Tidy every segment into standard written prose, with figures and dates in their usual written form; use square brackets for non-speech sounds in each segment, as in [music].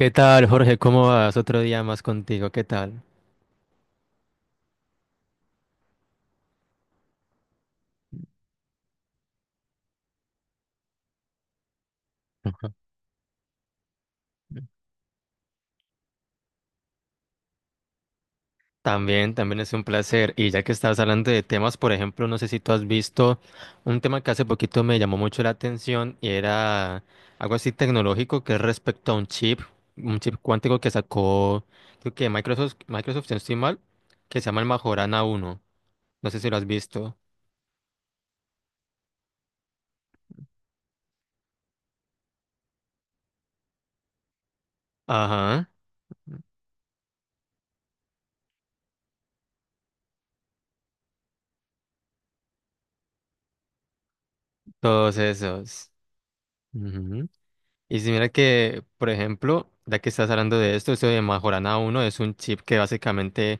¿Qué tal, Jorge? ¿Cómo vas? Otro día más contigo. ¿Qué tal? Ujú. También, también es un placer. Y ya que estás hablando de temas, por ejemplo, no sé si tú has visto un tema que hace poquito me llamó mucho la atención y era algo así tecnológico que es respecto a un chip cuántico que sacó, creo que Microsoft, si no estoy mal, que se llama el Majorana uno. No sé si lo has visto. Ajá, todos esos. Y si mira que, por ejemplo, ya que estás hablando de esto, eso de Majorana uno es un chip que básicamente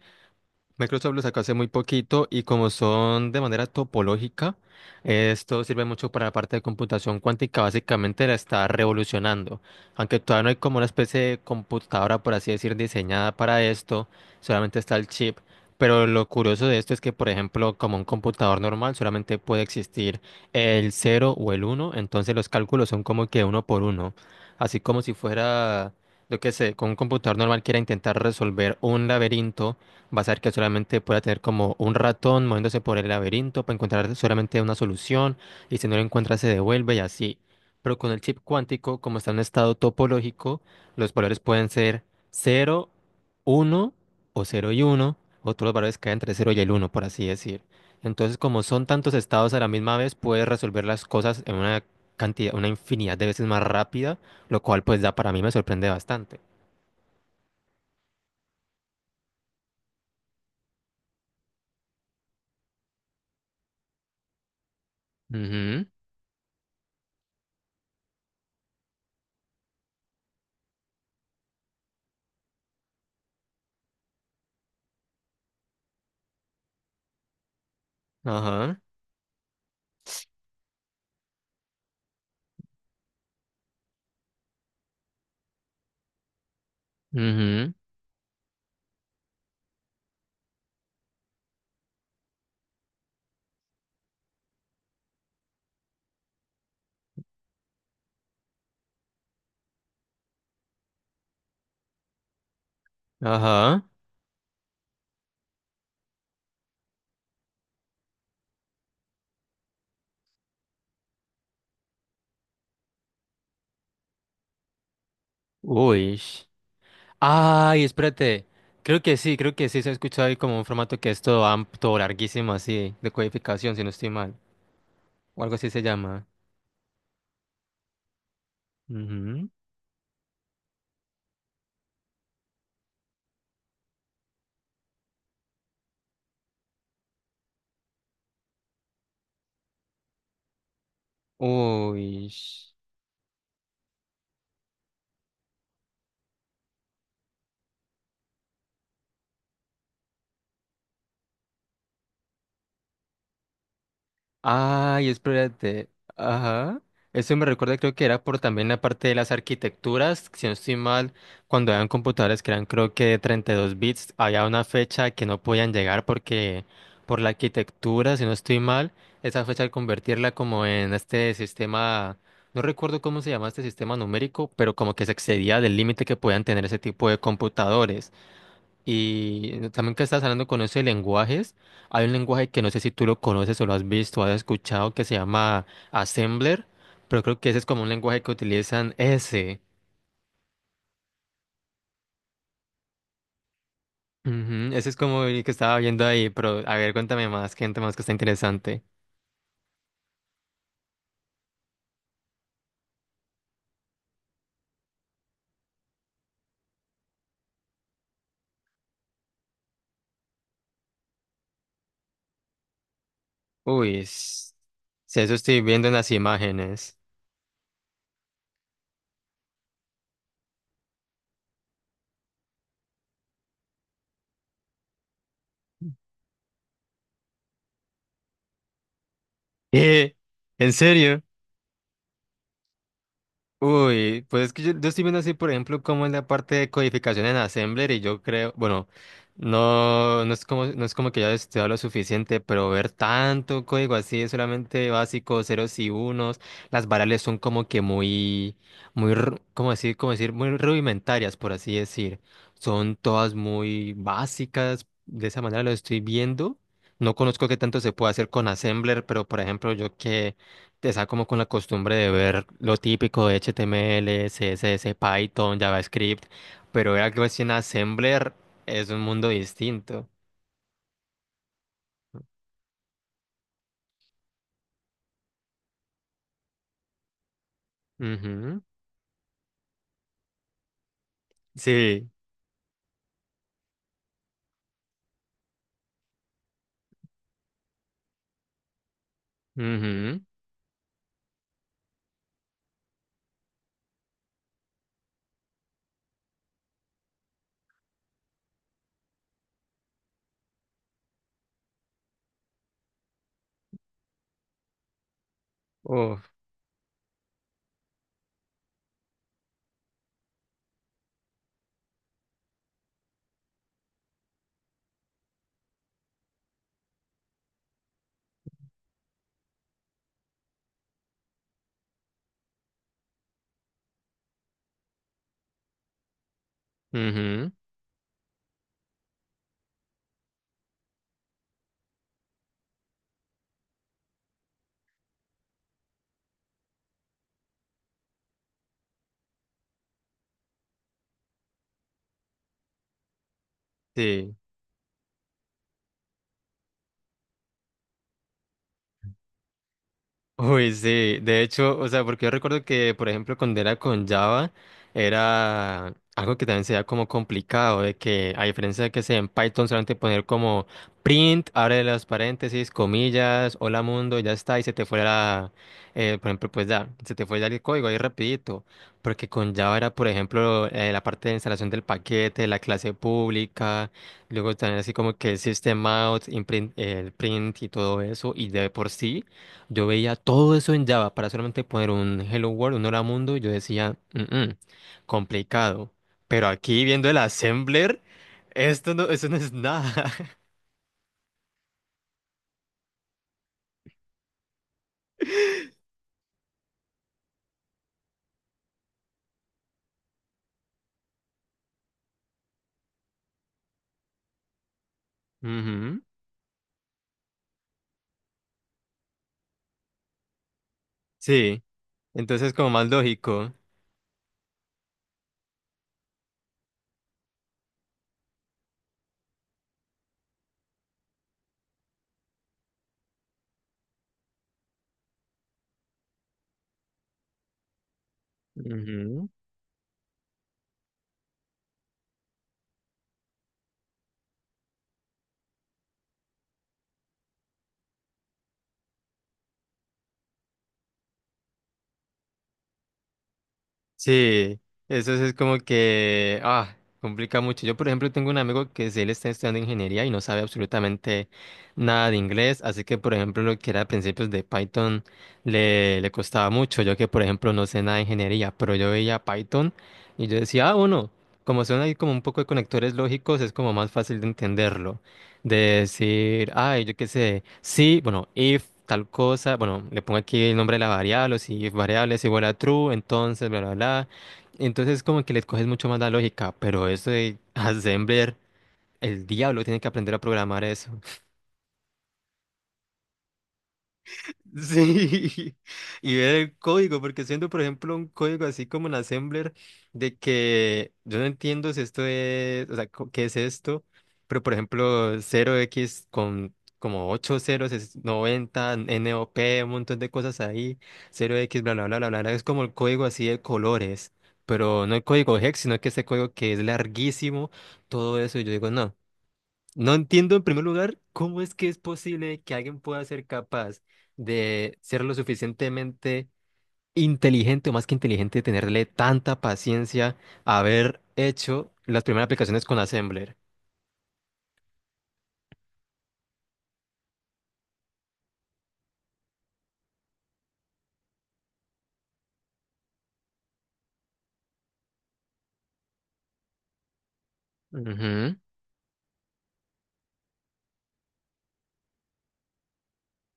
Microsoft lo sacó hace muy poquito y como son de manera topológica, esto sirve mucho para la parte de computación cuántica, básicamente la está revolucionando. Aunque todavía no hay como una especie de computadora, por así decir, diseñada para esto, solamente está el chip. Pero lo curioso de esto es que, por ejemplo, como un computador normal, solamente puede existir el cero o el uno, entonces los cálculos son como que uno por uno, así como si fuera, yo qué sé, con un computador normal quiera intentar resolver un laberinto. Vas a ver que solamente pueda tener como un ratón moviéndose por el laberinto para encontrar solamente una solución y si no lo encuentra se devuelve y así. Pero con el chip cuántico, como está en un estado topológico, los valores pueden ser cero, uno, o cero y uno, o todos los valores caen entre cero y el uno, por así decir. Entonces, como son tantos estados a la misma vez, puedes resolver las cosas en una cantidad, una infinidad de veces más rápida, lo cual pues da, para mí me sorprende bastante. Ujú. Ajá. Ujú. Ajá. Uy. Ay, espérate. Creo que sí se ha escuchado ahí como un formato que es todo amplio, todo larguísimo así, de codificación, si no estoy mal. O algo así se llama. Ujú. Uy. Ay, espérate. Ajá. Eso me recuerda, creo que era por también la parte de las arquitecturas. Si no estoy mal, cuando eran computadores que eran, creo que de 32 bits, había una fecha que no podían llegar porque, por la arquitectura, si no estoy mal, esa fecha al convertirla como en este sistema, no recuerdo cómo se llama este sistema numérico, pero como que se excedía del límite que podían tener ese tipo de computadores. Y también que estás hablando con eso de lenguajes, hay un lenguaje que no sé si tú lo conoces o lo has visto, o has escuchado, que se llama Assembler, pero creo que ese es como un lenguaje que utilizan ese. Ujú. Ese es como el que estaba viendo ahí, pero a ver, cuéntame más, gente más que está interesante. Uy, si eso estoy viendo en las imágenes. [laughs] ¿Eh? ¿En serio? Uy, pues es que yo estoy viendo así, por ejemplo, como en la parte de codificación en Assembler, y yo creo, bueno, no, no es como que ya he estudiado lo suficiente, pero ver tanto código así es solamente básico, ceros y unos. Las variables son como que muy, muy, cómo decir, muy rudimentarias, por así decir, son todas muy básicas, de esa manera lo estoy viendo. No conozco qué tanto se puede hacer con Assembler, pero por ejemplo, yo que está como con la costumbre de ver lo típico de HTML, CSS, Python, JavaScript, pero ver algo así en Assembler es un mundo distinto. Ujú. Sí. Ujú. Uf. Ujú. Sí. Uy, sí, de hecho, o sea, porque yo recuerdo que, por ejemplo, cuando era con Java, era algo que también se veía como complicado, de que a diferencia de que sea en Python solamente poner como print, abre las paréntesis, comillas, hola mundo, y ya está, y se te fue la, por ejemplo, pues ya, se te fue ya el código ahí rapidito, porque con Java era, por ejemplo, la parte de instalación del paquete, la clase pública, luego también así como que el system out, el print y todo eso, y de por sí yo veía todo eso en Java para solamente poner un Hello World, un Hola Mundo, y yo decía, "Mm-mm, complicado". Pero aquí viendo el assembler, esto no, eso no es nada. [laughs] Ujú. Sí, entonces como más lógico. Ujú. Sí, eso sí es como que, ah, complica mucho. Yo, por ejemplo, tengo un amigo que si él está estudiando ingeniería y no sabe absolutamente nada de inglés, así que, por ejemplo, lo que era principios de Python le costaba mucho. Yo que, por ejemplo, no sé nada de ingeniería, pero yo veía Python y yo decía, ah, bueno, como son ahí como un poco de conectores lógicos, es como más fácil de entenderlo. De decir, ay, yo qué sé, sí, bueno, if tal cosa, bueno, le pongo aquí el nombre de la variable, o si if variable es igual a true, entonces, bla, bla, bla. Entonces, como que le coges mucho más la lógica, pero eso de [laughs] assembler, el diablo tiene que aprender a programar eso. Sí, [laughs] y ver el código, porque siendo, por ejemplo, un código así como en Assembler, de que yo no entiendo si esto es, o sea, qué es esto, pero por ejemplo, cero x con como 8 ceros es 90, NOP, un montón de cosas ahí, cero x bla, bla, bla, bla, bla, bla, es como el código así de colores, pero no el código hex, sino que ese código que es larguísimo, todo eso, y yo digo, no. No entiendo en primer lugar cómo es que es posible que alguien pueda ser capaz de ser lo suficientemente inteligente o más que inteligente, tenerle tanta paciencia a haber hecho las primeras aplicaciones con Assembler. Ujú.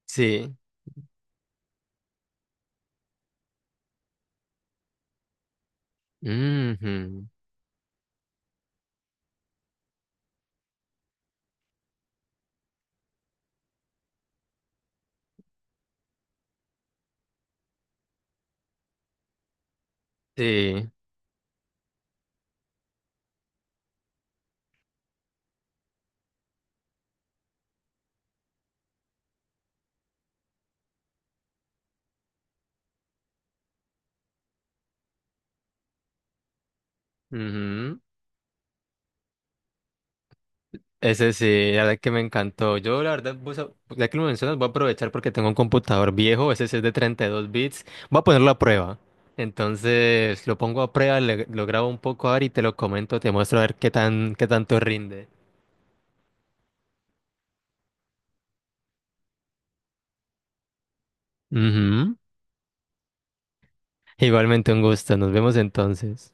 Sí. Ujú. Sí. Ujú. Ese sí, la verdad que me encantó. Yo, la verdad, ya que lo mencionas, voy a aprovechar porque tengo un computador viejo, ese sí es de 32 bits. Voy a ponerlo a prueba. Entonces, lo pongo a prueba, lo grabo un poco ahora y te lo comento, te muestro a ver qué tanto rinde. Ujú. Igualmente un gusto, nos vemos entonces.